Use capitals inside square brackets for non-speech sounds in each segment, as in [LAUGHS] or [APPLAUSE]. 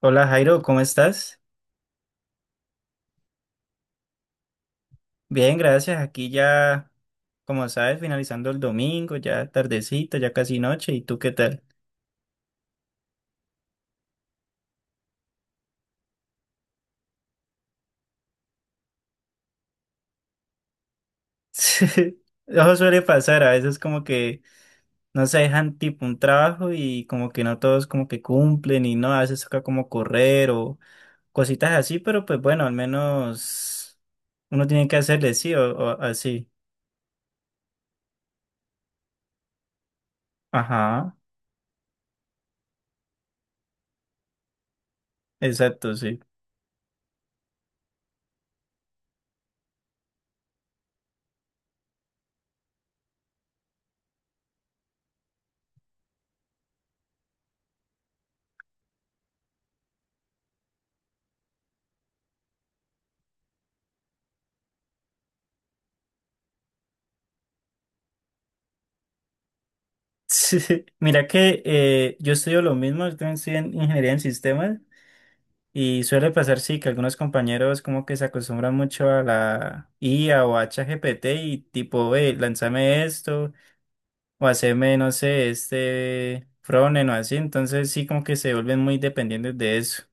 Hola Jairo, ¿cómo estás? Bien, gracias. Aquí ya, como sabes, finalizando el domingo, ya tardecito, ya casi noche. ¿Y tú qué tal? [LAUGHS] Sí, eso suele pasar, a veces como que no se dejan tipo un trabajo y como que no todos como que cumplen y no, a veces toca como correr o cositas así, pero pues bueno, al menos uno tiene que hacerle sí o así. Ajá, exacto, sí. [LAUGHS] Sí, mira que yo estudio lo mismo, yo también estoy en ingeniería en sistemas. Y suele pasar, sí, que algunos compañeros como que se acostumbran mucho a la IA o a ChatGPT y tipo, lánzame esto o haceme, no sé, este frontend o así. Entonces sí como que se vuelven muy dependientes de eso.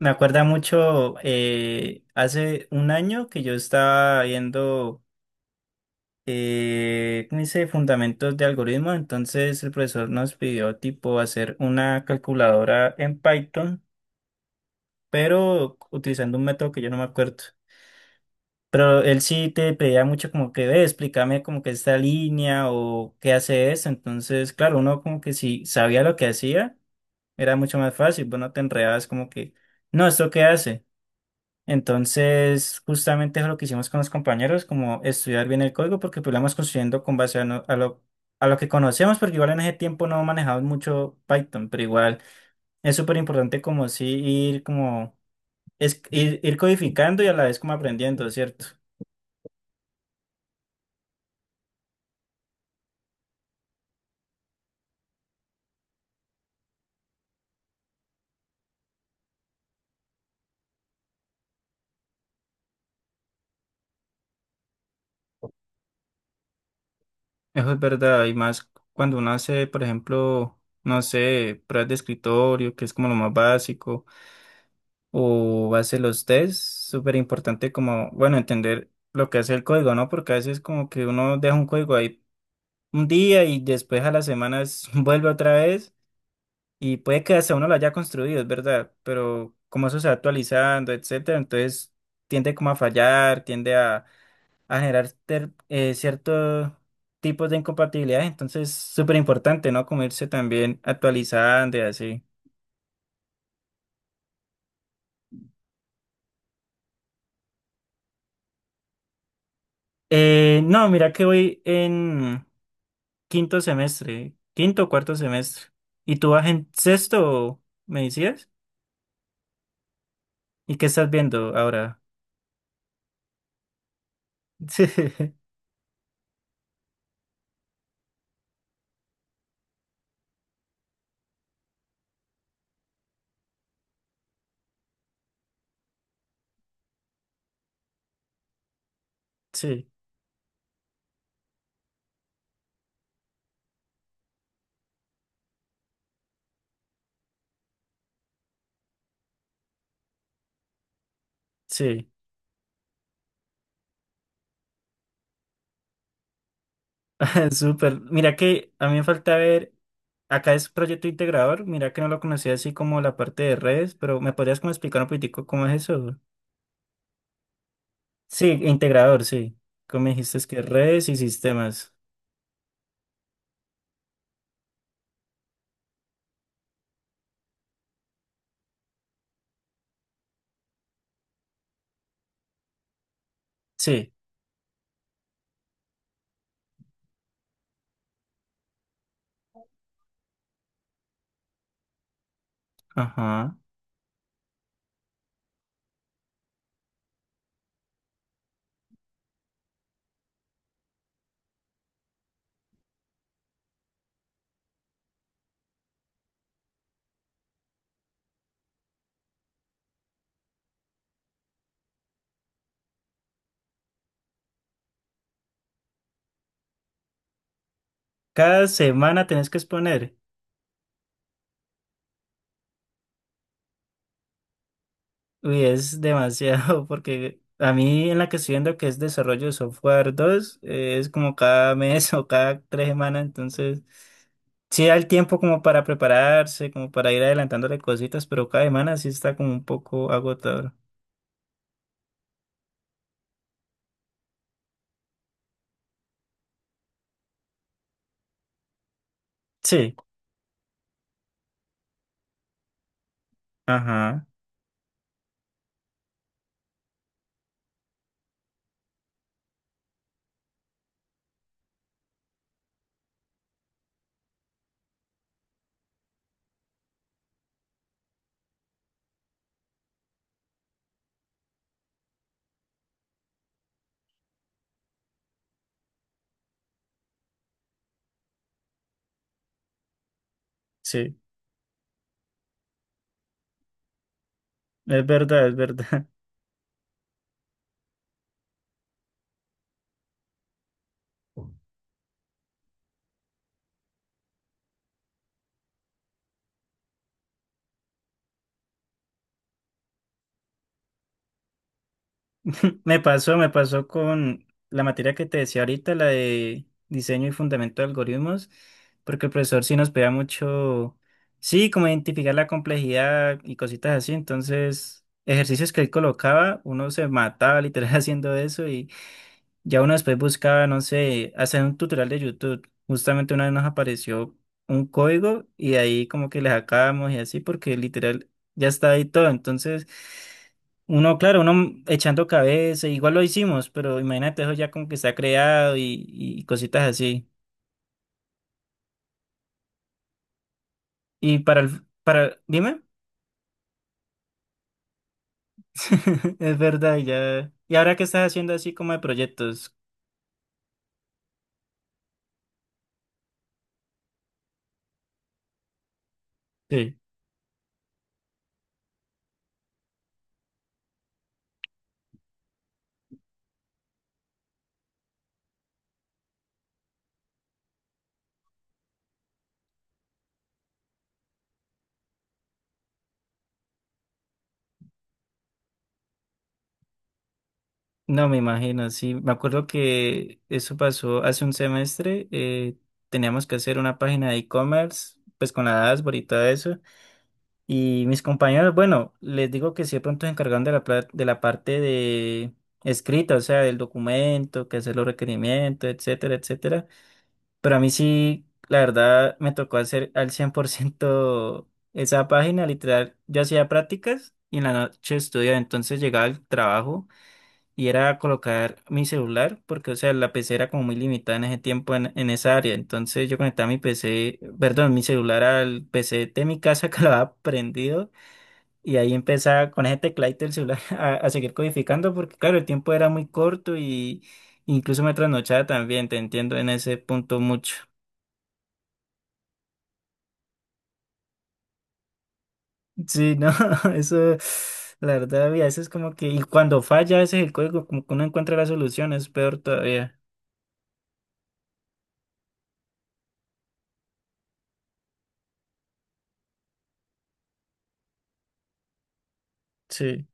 Me acuerda mucho hace un año que yo estaba viendo, ¿cómo dice? Fundamentos de algoritmo. Entonces el profesor nos pidió tipo hacer una calculadora en Python, pero utilizando un método que yo no me acuerdo. Pero él sí te pedía mucho como que, ve, explícame como que esta línea o qué hace esto. Entonces, claro, uno como que si sabía lo que hacía, era mucho más fácil. Vos no te enredabas como que, no, ¿esto qué hace? Entonces, justamente es lo que hicimos con los compañeros, como estudiar bien el código, porque pues lo vamos construyendo con base a, no- a lo que conocemos, porque igual en ese tiempo no manejamos mucho Python, pero igual es súper importante como sí ir como, ir codificando y a la vez como aprendiendo, ¿cierto? Eso es verdad, y más cuando uno hace, por ejemplo, no sé, pruebas de escritorio, que es como lo más básico, o hace los tests, súper importante como, bueno, entender lo que hace el código, ¿no? Porque a veces como que uno deja un código ahí un día y después a las semanas [LAUGHS] vuelve otra vez y puede que hasta uno lo haya construido, es verdad, pero como eso se va actualizando, etcétera, entonces tiende como a fallar, tiende a generar ciertos tipos de incompatibilidades. Entonces, súper importante, ¿no? Como irse también actualizando y así. No, mira que voy en quinto semestre, quinto o cuarto semestre. ¿Y tú vas en sexto, me decías? ¿Y qué estás viendo ahora? [LAUGHS] Sí, sí, sí. [LAUGHS] Súper. Mira que a mí me falta ver, acá es proyecto integrador, mira que no lo conocía así como la parte de redes, pero ¿me podrías como explicar un poquitico cómo es eso? Sí, integrador, sí. Como me dijiste es que redes y sistemas. Sí, ajá. Cada semana tenés que exponer. Uy, es demasiado, [LAUGHS] porque a mí en la que estoy viendo que es desarrollo de software 2, es como cada mes [LAUGHS] o cada 3 semanas, entonces sí da el tiempo como para prepararse, como para ir adelantándole cositas, pero cada semana sí está como un poco agotador. Sí, ajá, sí, es verdad, es verdad. [LAUGHS] Me pasó con la materia que te decía ahorita, la de diseño y fundamento de algoritmos, porque el profesor sí nos pedía mucho, sí, como identificar la complejidad y cositas así, entonces ejercicios que él colocaba, uno se mataba literal [LAUGHS] haciendo eso. Ya uno después buscaba, no sé, hacer un tutorial de YouTube. Justamente una vez nos apareció un código y de ahí como que le sacábamos y así porque literal ya está ahí todo. Entonces, uno, claro, uno echando cabeza, igual lo hicimos, pero imagínate eso ya como que está creado y cositas así. Dime, [LAUGHS] es verdad, ya. ¿Y ahora qué estás haciendo así como de proyectos? No, me imagino, sí. Me acuerdo que eso pasó hace un semestre. Teníamos que hacer una página de e-commerce, pues con la dashboard y todo eso. Y mis compañeros, bueno, les digo que sí, de pronto se encargaron de la parte de escrita, o sea, del documento, que hacer los requerimientos, etcétera, etcétera. Pero a mí sí, la verdad, me tocó hacer al 100% esa página, literal. Yo hacía prácticas y en la noche estudiaba, entonces llegaba al trabajo y era colocar mi celular, porque, o sea, la PC era como muy limitada en ese tiempo en esa área. Entonces yo conectaba mi PC, perdón, mi celular al PC de mi casa [LAUGHS] que lo había prendido y ahí empezaba con ese tecladito del celular [LAUGHS] a seguir codificando, porque, claro, el tiempo era muy corto y incluso me trasnochaba también, te entiendo en ese punto mucho. Sí, no, [LAUGHS] eso, la verdad, a veces como que, y cuando falla, ese es el código, como que uno encuentra la solución, es peor todavía. Sí.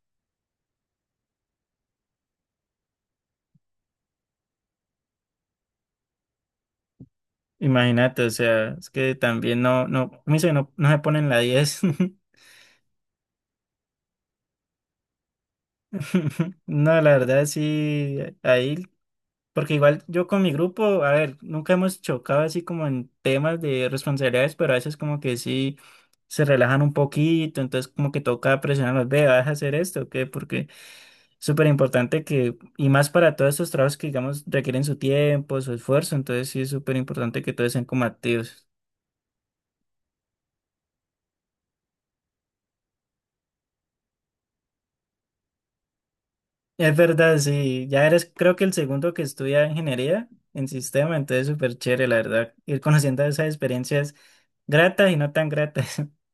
Imagínate, o sea, es que también no, no, como dice, no, no se ponen la 10. [LAUGHS] No, la verdad sí, ahí, porque igual yo con mi grupo, a ver, nunca hemos chocado así como en temas de responsabilidades, pero a veces como que sí se relajan un poquito, entonces como que toca presionarlos, ve, vas a hacer esto, ¿o qué? Porque es súper importante que, y más para todos estos trabajos que, digamos, requieren su tiempo, su esfuerzo, entonces sí es súper importante que todos sean como activos. Es verdad, sí, ya eres creo que el segundo que estudia ingeniería en sistema, entonces súper chévere, la verdad, ir conociendo esas experiencias gratas y no tan gratas. [LAUGHS]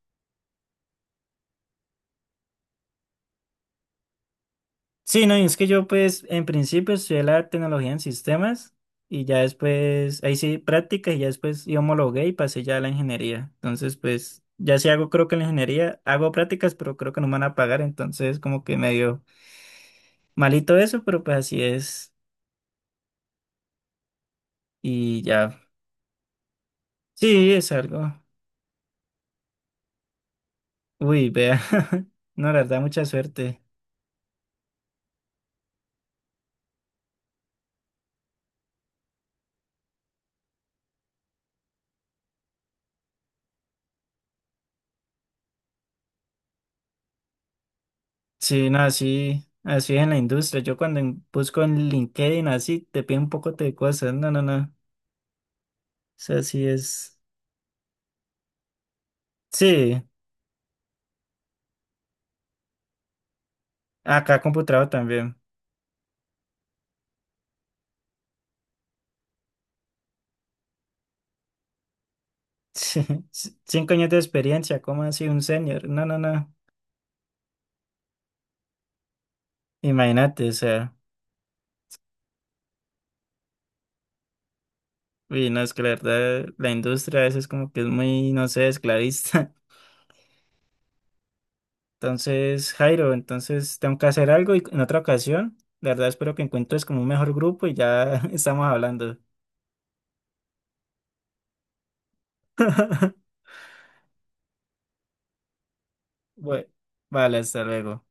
Sí, no, y es que yo pues en principio estudié la tecnología en sistemas y ya después, ahí sí, prácticas y ya después yo homologué y pasé ya a la ingeniería. Entonces pues ya sí hago creo que en la ingeniería hago prácticas, pero creo que no me van a pagar, entonces como que medio malito eso, pero pues así es y ya, sí, es algo. Uy, vea. [LAUGHS] No, la verdad, mucha suerte. Sí, no, así, así es en la industria. Yo cuando busco en LinkedIn así, te piden un poco de cosas. No, no, no. O sea, sí es. Sí, acá computador también. [LAUGHS] Sí, 5 años de experiencia, ¿cómo así un senior? No, no, no. Imagínate, o sea. Uy, no, es que la verdad, la industria a veces como que es muy, no sé, esclavista. Entonces, Jairo, entonces tengo que hacer algo y en otra ocasión, la verdad espero que encuentres como un mejor grupo y ya [LAUGHS] estamos hablando. [LAUGHS] Bueno, vale, hasta luego.